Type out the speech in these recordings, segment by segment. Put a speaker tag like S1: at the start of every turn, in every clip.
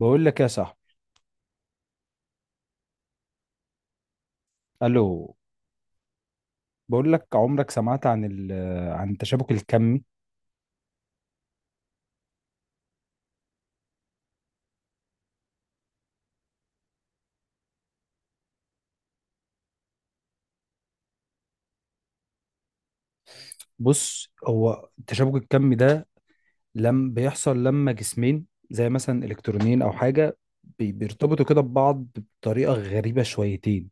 S1: بقول لك يا صاحبي. الو. بقول لك عمرك سمعت عن عن التشابك الكمي؟ بص، هو التشابك الكمي ده لم بيحصل لما جسمين زي مثلا الكترونين او حاجه بيرتبطوا كده ببعض بطريقه غريبه شويتين.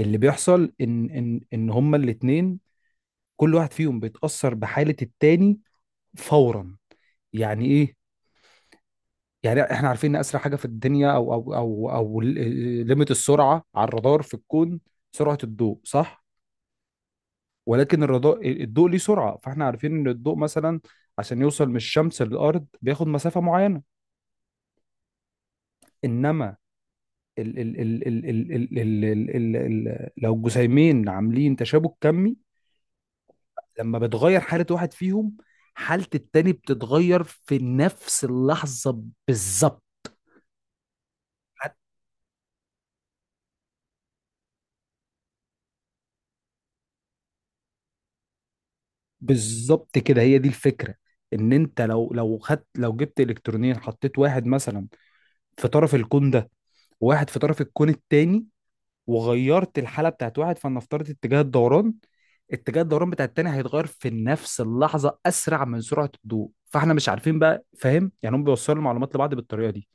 S1: اللي بيحصل ان هما الاتنين كل واحد فيهم بيتاثر بحاله التاني فورا. يعني ايه؟ يعني احنا عارفين ان اسرع حاجه في الدنيا او ليميت السرعه على الرادار في الكون سرعه الضوء، صح؟ ولكن الرضاء الضوء ليه سرعه، فاحنا عارفين ان الضوء مثلا عشان يوصل من الشمس للارض بياخد مسافه معينه. انما ال ال ال ال ال ال ال ال ال ال لو الجسيمين عاملين تشابك كمي، لما بتغير حاله واحد فيهم حاله التاني بتتغير في نفس اللحظه بالظبط. بالظبط كده، هي دي الفكره. ان انت لو خدت، لو جبت الكترونين حطيت واحد مثلا في طرف الكون ده وواحد في طرف الكون التاني وغيرت الحاله بتاعت واحد، فلنفترض اتجاه الدوران، اتجاه الدوران بتاع التاني هيتغير في نفس اللحظه اسرع من سرعه الضوء. فاحنا مش عارفين بقى، فاهم؟ يعني هم بيوصلوا المعلومات لبعض بالطريقه دي.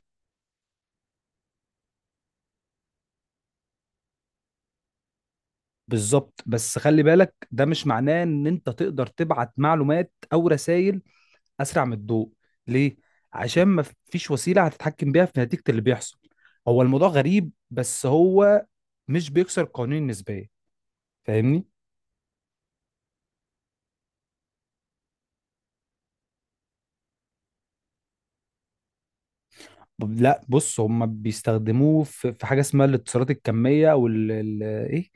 S1: بالظبط، بس خلي بالك ده مش معناه ان انت تقدر تبعت معلومات او رسائل اسرع من الضوء. ليه؟ عشان ما فيش وسيله هتتحكم بيها في نتيجه اللي بيحصل. هو الموضوع غريب، بس هو مش بيكسر قانون النسبيه، فاهمني؟ لا، بص، هم بيستخدموه في في حاجه اسمها الاتصالات الكميه وال ال- ايه،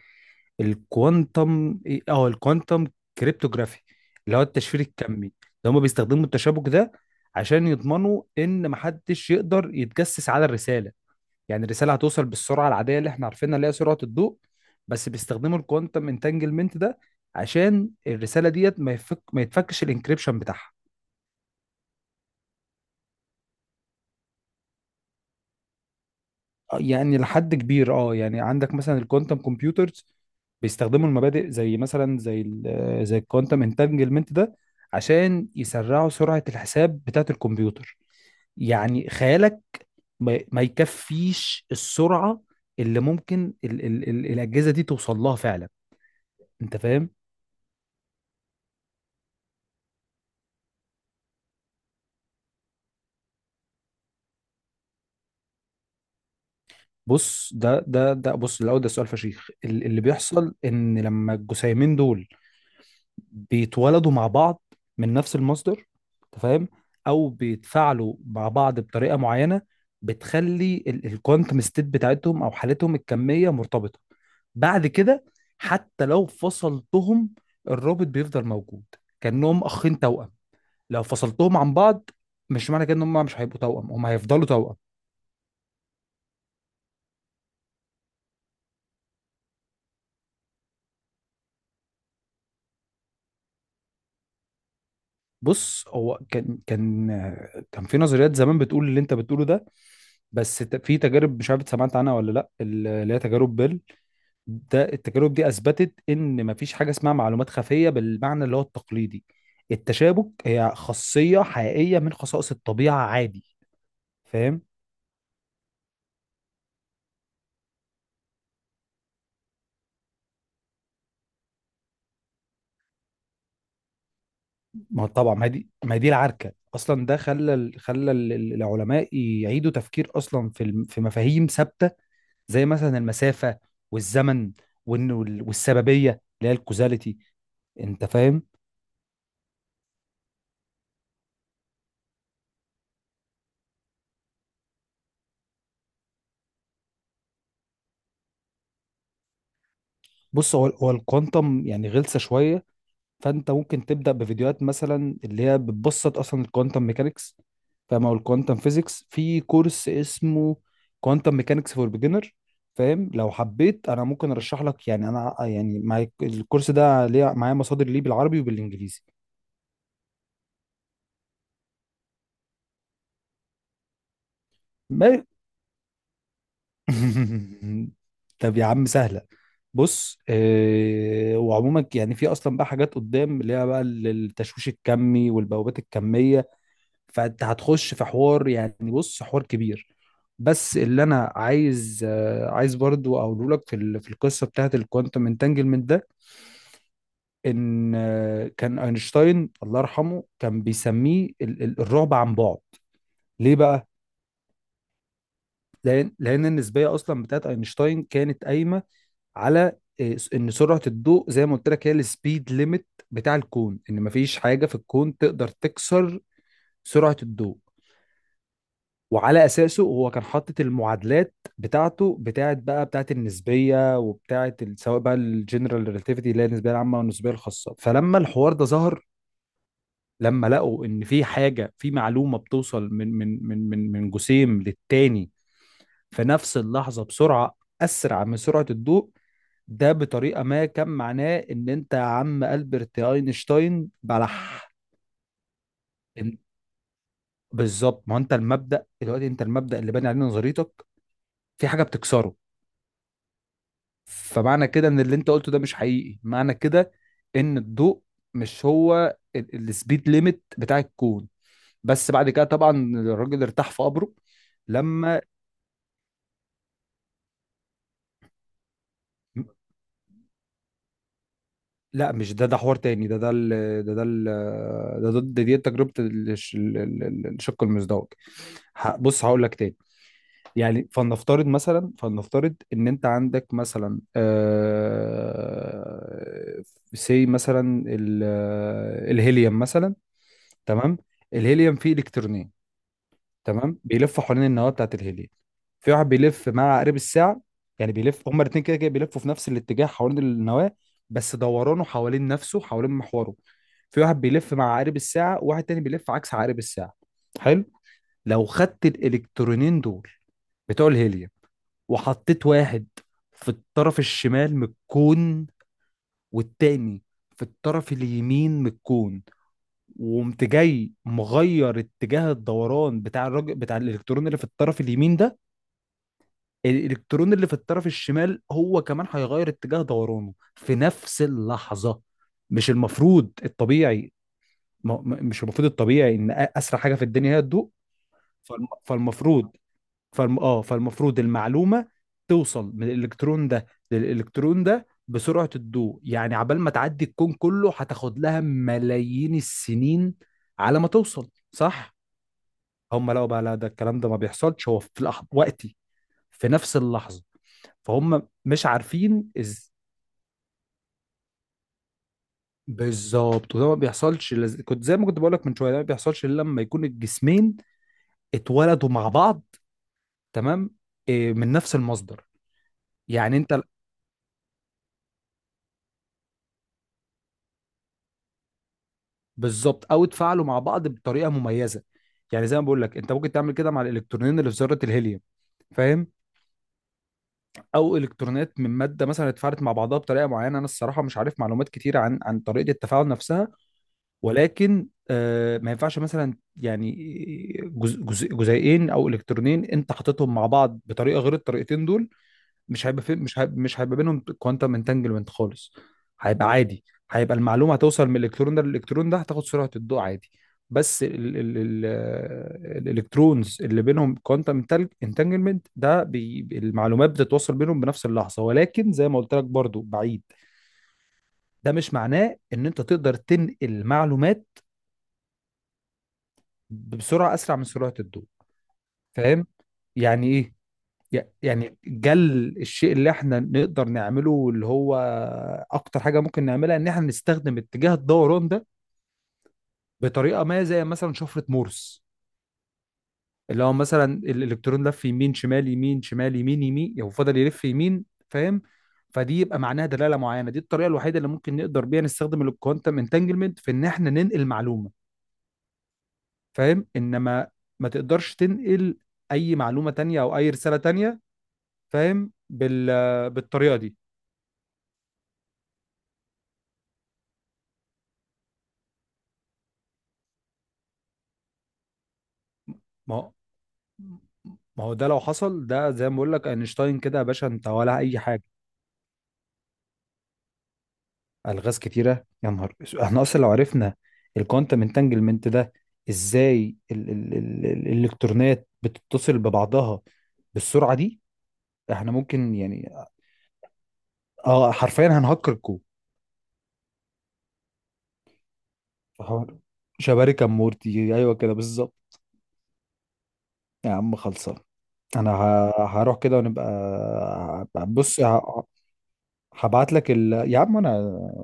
S1: الكوانتم ايه، اه، الكوانتم كريبتوغرافي، اللي هو التشفير الكمي. اللي هم بيستخدموا التشابك ده عشان يضمنوا ان محدش يقدر يتجسس على الرساله. يعني الرساله هتوصل بالسرعه العاديه اللي احنا عارفينها اللي هي سرعه الضوء، بس بيستخدموا الكوانتم انتانجلمنت ده عشان الرساله ديت ما يفك ما يتفكش الانكريبشن بتاعها. يعني لحد كبير اه، يعني عندك مثلا الكوانتم كمبيوترز بيستخدموا المبادئ زي مثلا زي ال آه، زي الكوانتم انتانجلمنت ده عشان يسرعوا سرعة الحساب بتاعة الكمبيوتر. يعني خيالك ما يكفيش السرعة اللي ممكن ال ال ال الأجهزة دي توصل لها فعلا. انت فاهم؟ بص، ده ده ده بص الاول ده سؤال فشيخ اللي بيحصل ان لما الجسيمين دول بيتولدوا مع بعض من نفس المصدر، انت فاهم، او بيتفاعلوا مع بعض بطريقه معينه بتخلي الكوانتم ستيت بتاعتهم او حالتهم الكميه مرتبطه. بعد كده حتى لو فصلتهم الرابط بيفضل موجود، كانهم اخين توأم، لو فصلتهم عن بعض مش معنى كده ان هم مش هيبقوا توأم، هم هيفضلوا توأم. بص، هو كان في نظريات زمان بتقول اللي انت بتقوله ده، بس في تجارب مش عارف سمعت عنها ولا لا، اللي هي تجارب بيل. ده التجارب دي اثبتت ان مفيش حاجه اسمها معلومات خفيه بالمعنى اللي هو التقليدي. التشابك هي خاصيه حقيقيه من خصائص الطبيعه عادي، فاهم؟ ما هو طبعا، ما هي دي العركه اصلا. ده خلى العلماء يعيدوا تفكير اصلا في في مفاهيم ثابته، زي مثلا المسافه والزمن وإن- وال- والسببيه اللي هي الكوزاليتي، انت فاهم؟ بص، هو الكوانتم يعني غلسه شويه، فانت ممكن تبدا بفيديوهات مثلا اللي هي بتبسط اصلا الكوانتم ميكانكس، فاهم، او الكوانتم فيزيكس، في كورس اسمه كوانتم ميكانكس فور بيجنر، فاهم؟ لو حبيت انا ممكن ارشح لك، يعني انا يعني معايا الكورس ده، ليه معايا مصادر ليه بالعربي وبالانجليزي. ما طب يا عم سهله. بص آه، وعموما يعني في اصلا بقى حاجات قدام اللي هي بقى التشويش الكمي والبوابات الكميه، فانت هتخش في حوار، يعني بص حوار كبير. بس اللي انا عايز عايز برضو اقوله لك في في القصه بتاعت الكوانتم انتانجلمنت ده ان كان اينشتاين الله يرحمه كان بيسميه الرعب عن بعد. ليه بقى؟ لان النسبيه اصلا بتاعت اينشتاين كانت قايمه على ان سرعه الضوء زي ما قلت لك هي السبيد ليميت بتاع الكون، ان مفيش حاجه في الكون تقدر تكسر سرعه الضوء. وعلى اساسه هو كان حاطط المعادلات بتاعته، بتاعت بقى بتاعت النسبيه، وبتاعت سواء بقى الجنرال ريلاتيفيتي اللي هي النسبيه العامه والنسبيه الخاصه. فلما الحوار ده ظهر، لما لقوا ان في حاجه، في معلومه بتوصل من جسيم للتاني في نفس اللحظه بسرعه اسرع من سرعه الضوء، ده بطريقه ما كان معناه ان انت يا عم البرت اينشتاين بلح. إن- بالظبط، ما هو انت المبدا دلوقتي، انت المبدا اللي باني عليه نظريتك في حاجه بتكسره. فمعنى كده ان اللي انت قلته ده مش حقيقي، معنى كده ان الضوء مش هو السبيد ليميت بتاع الكون. بس بعد كده طبعا الراجل ارتاح في قبره لما... لا مش ده، ده حوار تاني. ده ده ال... ده ده ال... ده ده ده- دي تجربة الشق المزدوج. بص هقول لك تاني. يعني فلنفترض مثلا، فلنفترض ان انت عندك مثلا سي مثلا الهيليوم مثلا. تمام؟ الهيليوم فيه الكترونين، تمام، بيلفوا حوالين النواه بتاعت الهيليوم. في واحد بيلف مع عقارب الساعه، يعني بيلف، هما الاثنين كده كده بيلفوا في نفس الاتجاه حوالين النواه، بس دورانه حوالين نفسه حوالين محوره في واحد بيلف مع عقارب الساعه وواحد تاني بيلف عكس عقارب الساعه. حلو. لو خدت الالكترونين دول بتوع الهيليوم وحطيت واحد في الطرف الشمال من الكون والتاني في الطرف اليمين من الكون، وقمت جاي مغير اتجاه الدوران بتاع الراجل بتاع الالكترون اللي في الطرف اليمين ده، الالكترون اللي في الطرف الشمال هو كمان هيغير اتجاه دورانه في نفس اللحظة. مش المفروض الطبيعي، مش المفروض الطبيعي ان اسرع حاجة في الدنيا هي الضوء؟ فالمفروض، فالمفروض المعلومة توصل من الالكترون ده للالكترون ده بسرعة الضوء، يعني عبال ما تعدي الكون كله هتاخد لها ملايين السنين على ما توصل، صح؟ هم لقوا بقى لا، ده الكلام ده ما بيحصلش، هو في لحظة وقتي، في نفس اللحظة. فهم مش عارفين بالظبط. وده ما بيحصلش كنت زي ما كنت بقول لك من شوية، ده ما بيحصلش إلا لما يكون الجسمين اتولدوا مع بعض، تمام، إيه، من نفس المصدر، يعني أنت. بالظبط، أو اتفاعلوا مع بعض بطريقة مميزة. يعني زي ما بقول لك انت ممكن تعمل كده مع الالكترونين اللي في ذره الهيليوم، فاهم، او الكترونات من ماده مثلا اتفاعلت مع بعضها بطريقه معينه. انا الصراحه مش عارف معلومات كتير عن عن طريقه التفاعل نفسها. ولكن ما ينفعش مثلا يعني جزء جزء جزيئين او الكترونين انت حاططهم مع بعض بطريقه غير الطريقتين دول، مش هيبقى في، مش هيبقى بينهم كوانتم انتانجلمنت خالص، هيبقى عادي، هيبقى المعلومه هتوصل من الالكترون ده للالكترون ده هتاخد سرعه الضوء عادي. بس ال ال ال الالكترونز اللي بينهم كوانتم انتانجلمنت ده بي المعلومات بتتوصل بينهم بنفس اللحظه، ولكن زي ما قلت لك برضو بعيد، ده مش معناه ان انت تقدر تنقل معلومات بسرعة أسرع من سرعة الضوء، فاهم؟ يعني إيه؟ يعني جل الشيء اللي احنا نقدر نعمله اللي هو أكتر حاجة ممكن نعملها إن احنا نستخدم اتجاه الدوران ده بطريقة ما زي مثلا شفرة مورس، اللي هو مثلا الإلكترون لف يمين شمال يمين شمال يمين يمين، يعني هو فضل يلف يمين، فاهم؟ فدي يبقى معناها دلالة معينة. دي الطريقة الوحيدة اللي ممكن نقدر بيها نستخدم الكوانتم انتانجلمنت في إن احنا ننقل معلومة، فاهم؟ إنما ما تقدرش تنقل أي معلومة تانية أو أي رسالة تانية، فاهم؟ بالطريقه دي. ما هو ما هو ده لو حصل، ده زي ما بقول لك، اينشتاين كده يا باشا انت ولا اي حاجه. الغاز كتيره يا نهار أسود. احنا اصلا لو عرفنا الكوانتم انتانجلمنت ده ازاي الالكترونات بتتصل ببعضها بالسرعه دي، احنا ممكن يعني، اه حرفيا هنهكر الكون. فحوار شباري كمورتي، ايوه كده بالظبط. يا عم خلصان. انا هروح كده ونبقى بص. هبعت لك يا عم انا،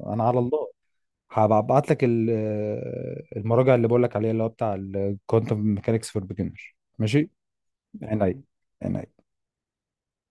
S1: انا على الله، هبعت لك المراجع اللي بقول لك عليها اللي هو بتاع الكوانتم ميكانكس فور بيجنر، ماشي؟ عينيا، عينيا.